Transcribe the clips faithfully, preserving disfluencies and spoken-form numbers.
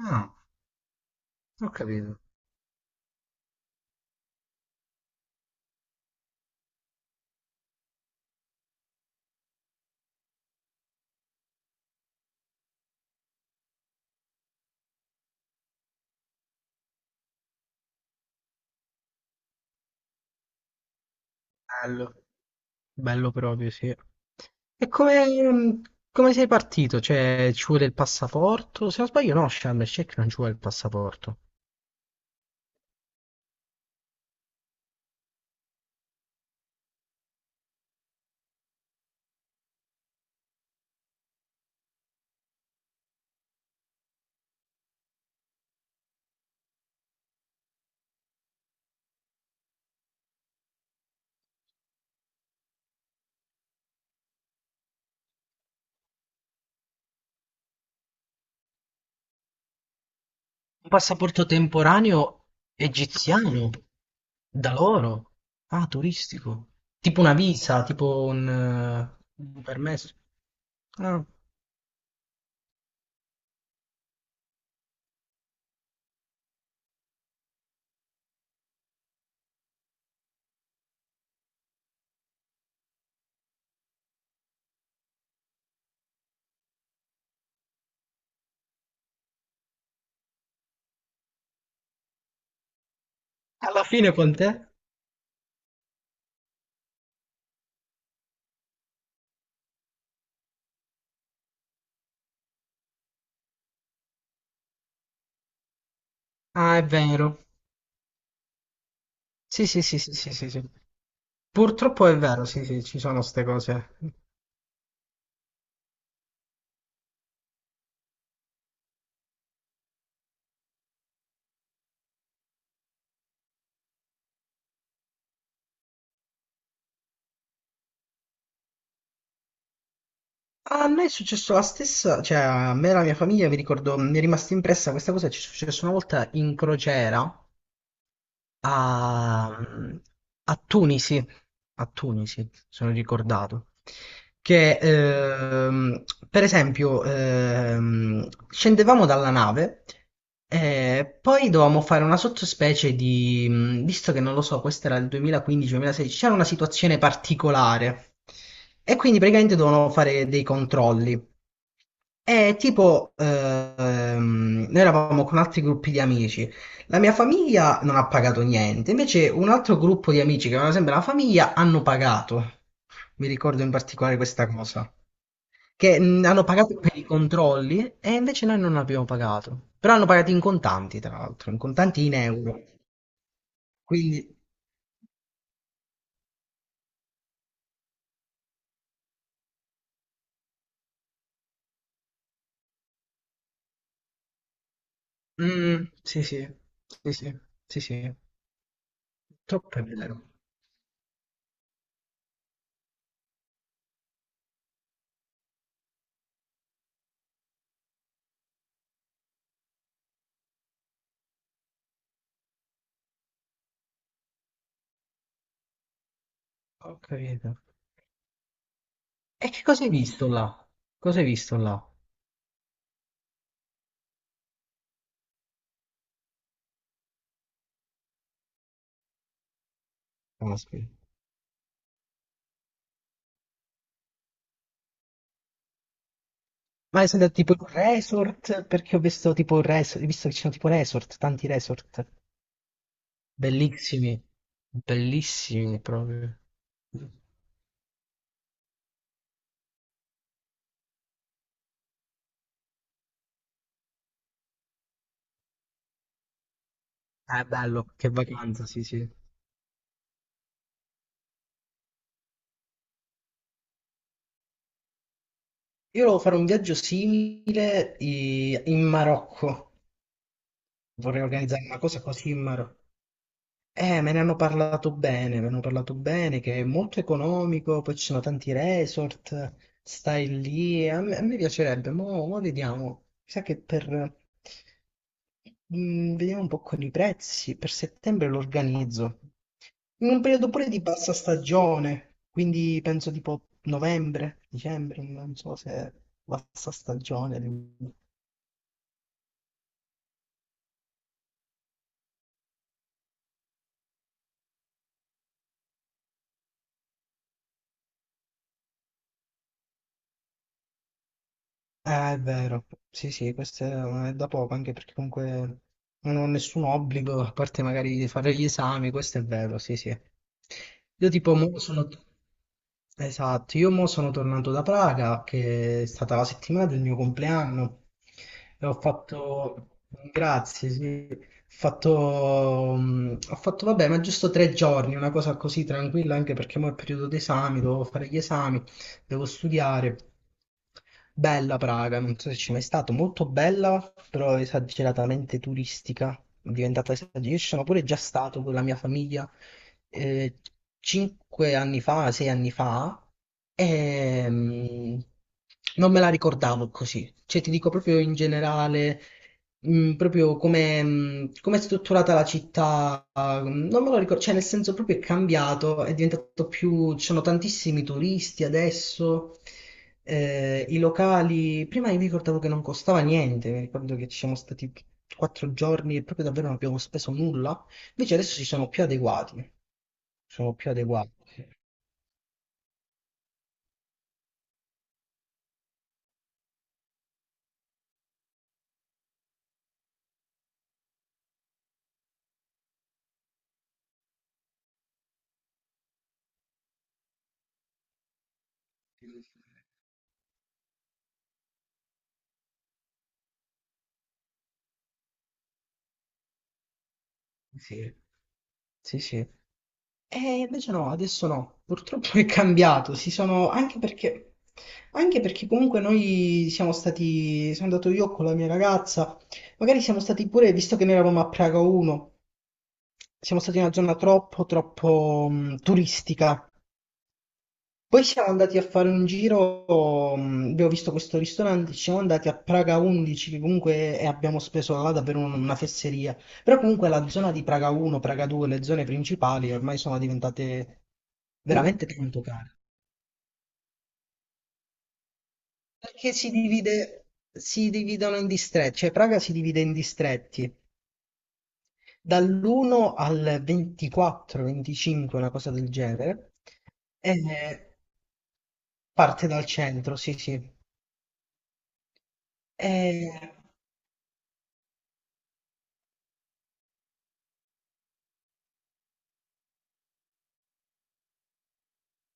Ah, ho capito. Bello, bello proprio, sì. E come, mm, come sei partito? Cioè, ci vuole il passaporto? Se non sbaglio, no, Sharm el Sheikh non ci vuole il passaporto. Un passaporto temporaneo egiziano? Da loro? Ah, turistico. Tipo una visa, tipo un, eh, un permesso. Ah, alla fine con te? Ah, è vero. Sì, sì, sì, sì, sì, sì, sì. Purtroppo è vero, sì, sì, ci sono queste cose. A me è successo la stessa, cioè a me e la mia famiglia, mi ricordo, mi è rimasta impressa questa cosa, ci è successo una volta in crociera, a, mh, a Tunisi, a Tunisi, sono ricordato, che ehm, per esempio ehm, scendevamo dalla nave e poi dovevamo fare una sottospecie di, mh, visto che non lo so, questo era il duemilaquindici-duemilasedici, c'era una situazione particolare e quindi praticamente dovevamo fare dei controlli. E tipo, ehm, noi eravamo con altri gruppi di amici, la mia famiglia non ha pagato niente, invece un altro gruppo di amici che avevano sempre la famiglia hanno pagato. Mi ricordo in particolare questa cosa, che mh, hanno pagato per i controlli e invece noi non abbiamo pagato. Però hanno pagato in contanti, tra l'altro, in contanti in euro. Quindi, mm, sì, sì, sì, sì, sì, sì, troppo è vero. Ho capito. E che cosa hai visto là? Cosa hai visto là? Caspita. Ma è stato tipo in un resort, perché ho visto tipo un resort, visto che ci sono tipo resort, tanti resort, bellissimi, bellissimi proprio. Ah, bello, che vacanza, sì, sì. Io volevo fare un viaggio simile i- in Marocco, vorrei organizzare una cosa così in Marocco. Eh, me ne hanno parlato bene, me ne hanno parlato bene, che è molto economico, poi ci sono tanti resort, stai lì, a me, a me piacerebbe, mo, mo vediamo, mi sa che per, mm, vediamo un po' con i prezzi, per settembre lo organizzo, in un periodo pure di bassa stagione, quindi penso tipo novembre, dicembre, non so se è bassa stagione. Eh, è vero. Sì, sì, questo è è da poco, anche perché comunque non ho nessun obbligo, a parte magari di fare gli esami, questo è vero, sì, sì. Io tipo mo sono. Esatto, io mo sono tornato da Praga, che è stata la settimana del mio compleanno, e ho fatto. Grazie, sì. Ho fatto... mm, Ho fatto, vabbè, ma giusto tre giorni, una cosa così tranquilla, anche perché mo è periodo d'esami, dovevo fare gli esami, devo studiare. Bella Praga, non so se ci è mai stato, molto bella, però esageratamente turistica, diventata esagerata. Io ci sono pure già stato con la mia famiglia, eh, cinque anni fa, sei anni fa, e mm, non me la ricordavo così. Cioè, ti dico proprio in generale, mm, proprio come mm, come è strutturata la città non me lo ricordo, cioè nel senso proprio è cambiato, è diventato più, ci sono tantissimi turisti adesso, eh, i locali, prima io mi ricordavo che non costava niente, mi ricordo che ci siamo stati quattro giorni e proprio davvero non abbiamo speso nulla, invece adesso si sono più adeguati, sono più adeguati. Sì, sì, sì. E invece no, adesso no, purtroppo è cambiato, si sono, anche perché, anche perché comunque noi siamo stati, sono andato io con la mia ragazza, magari siamo stati pure, visto che noi eravamo a Praga uno, siamo stati in una zona troppo, troppo mh, turistica, poi siamo andati a fare un giro, mh, abbiamo visto questo ristorante, ci siamo andati a Praga undici, che comunque eh, abbiamo speso là davvero un- una fesseria. Però comunque la zona di Praga uno, Praga due, le zone principali ormai sono diventate veramente tanto care. Perché si divide, si dividono in distretti, cioè Praga si divide in distretti dall'uno al ventiquattro, venticinque, una cosa del genere. E parte dal centro, sì, sì. E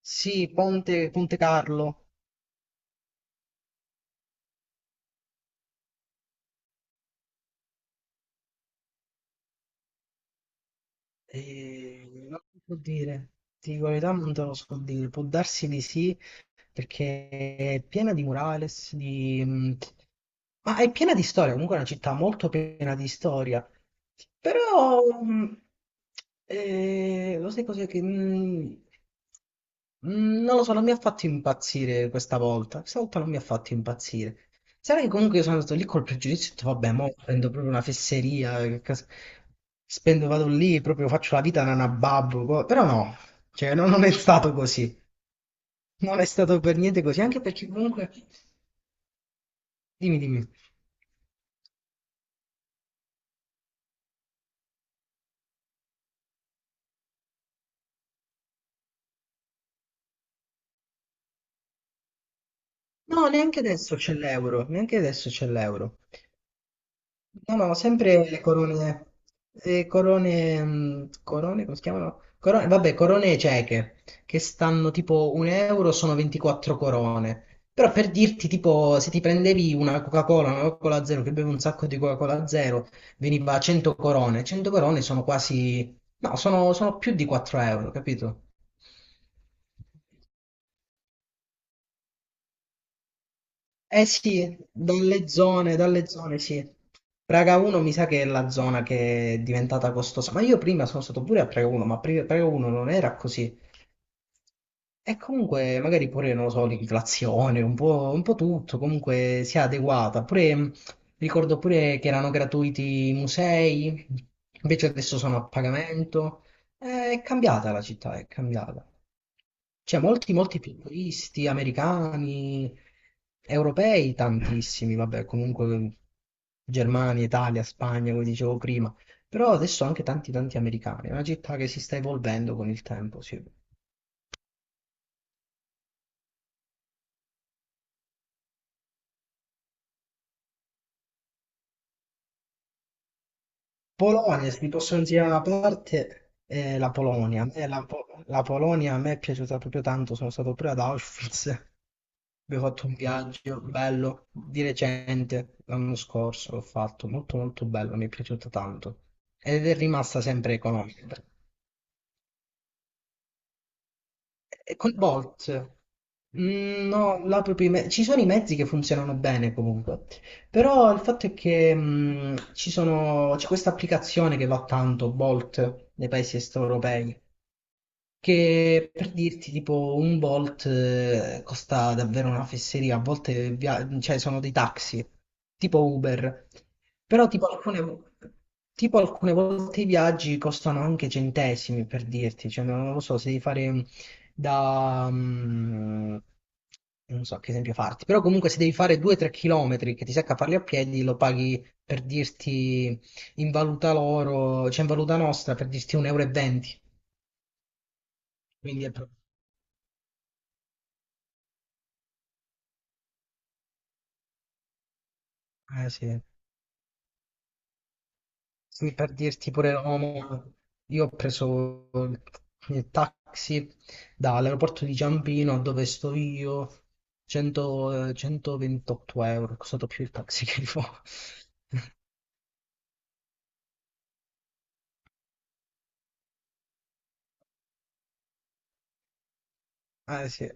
sì, Ponte, Ponte Carlo. Eh, non ti so dire, ti dico la verità, non te lo so dire. Può darsi di sì, perché è piena di murales, di... mm, ma è piena di storia. Comunque è una città molto piena di storia. Però, mm, eh, lo sai cos'è che. mm, Mm, Non lo so, non mi ha fatto impazzire questa volta. Questa volta non mi ha fatto impazzire. Sarà che comunque io sono andato lì col pregiudizio, ho detto, vabbè, mo prendo proprio una fesseria, che cas- spendo, vado lì, proprio faccio la vita nana babbo, co- però no, cioè no- non è stato così, non è stato per niente così, anche perché comunque, dimmi, dimmi, no, neanche adesso c'è l'euro, neanche adesso c'è l'euro. No, no, sempre le corone, le corone, mh, corone, come si chiamano? Corone, vabbè, corone cieche, che stanno tipo un euro, sono ventiquattro corone. Però per dirti, tipo, se ti prendevi una Coca-Cola, una Coca-Cola zero, che bevi un sacco di Coca-Cola zero, veniva a cento corone. cento corone sono quasi. No, sono, sono più di quattro euro, capito? Eh sì, dalle zone, dalle zone sì. Praga uno mi sa che è la zona che è diventata costosa, ma io prima sono stato pure a Praga uno, ma pre- Praga uno non era così. E comunque magari pure, non lo so, l'inflazione, un po', un po' tutto, comunque si è adeguata. Pure, mh, ricordo pure che erano gratuiti i musei, invece adesso sono a pagamento. Eh, È cambiata la città, è cambiata. Cioè, molti, molti futuristi americani, europei, tantissimi, vabbè, comunque Germania, Italia, Spagna, come dicevo prima, però adesso anche tanti, tanti americani. È una città che si sta evolvendo con il tempo, sì. Polonia, se ti possono tirare una parte, è la Polonia. A me la, Po- la Polonia a me è piaciuta proprio tanto, sono stato pure ad Auschwitz, abbiamo fatto un viaggio bello, di recente, l'anno scorso l'ho fatto, molto molto bello, mi è piaciuta tanto. Ed è rimasta sempre economica. Eh, Con Bolt. Mm, no, là proprio i me- ci sono i mezzi che funzionano bene comunque, però il fatto è che mm, ci sono- c'è questa applicazione che va tanto, Bolt, nei paesi est europei, che per dirti, tipo, un Bolt eh, costa davvero una fesseria, a volte via- cioè, sono dei taxi, tipo Uber, però tipo alcune, tipo alcune volte i viaggi costano anche centesimi, per dirti, cioè, non lo so, se devi fare mm, da... mm, non so che esempio farti, però comunque se devi fare due tre chilometri che ti secca farli a piedi, lo paghi per dirti in valuta loro, cioè in valuta nostra, per dirti un euro e venti, e venti, quindi è proprio. Eh sì, sì, per dirti pure Roma, io ho preso il il taxi dall'aeroporto di Ciampino a dove sto io, cento, eh, centoventotto euro, è costato più il taxi che il volo. Eh sì,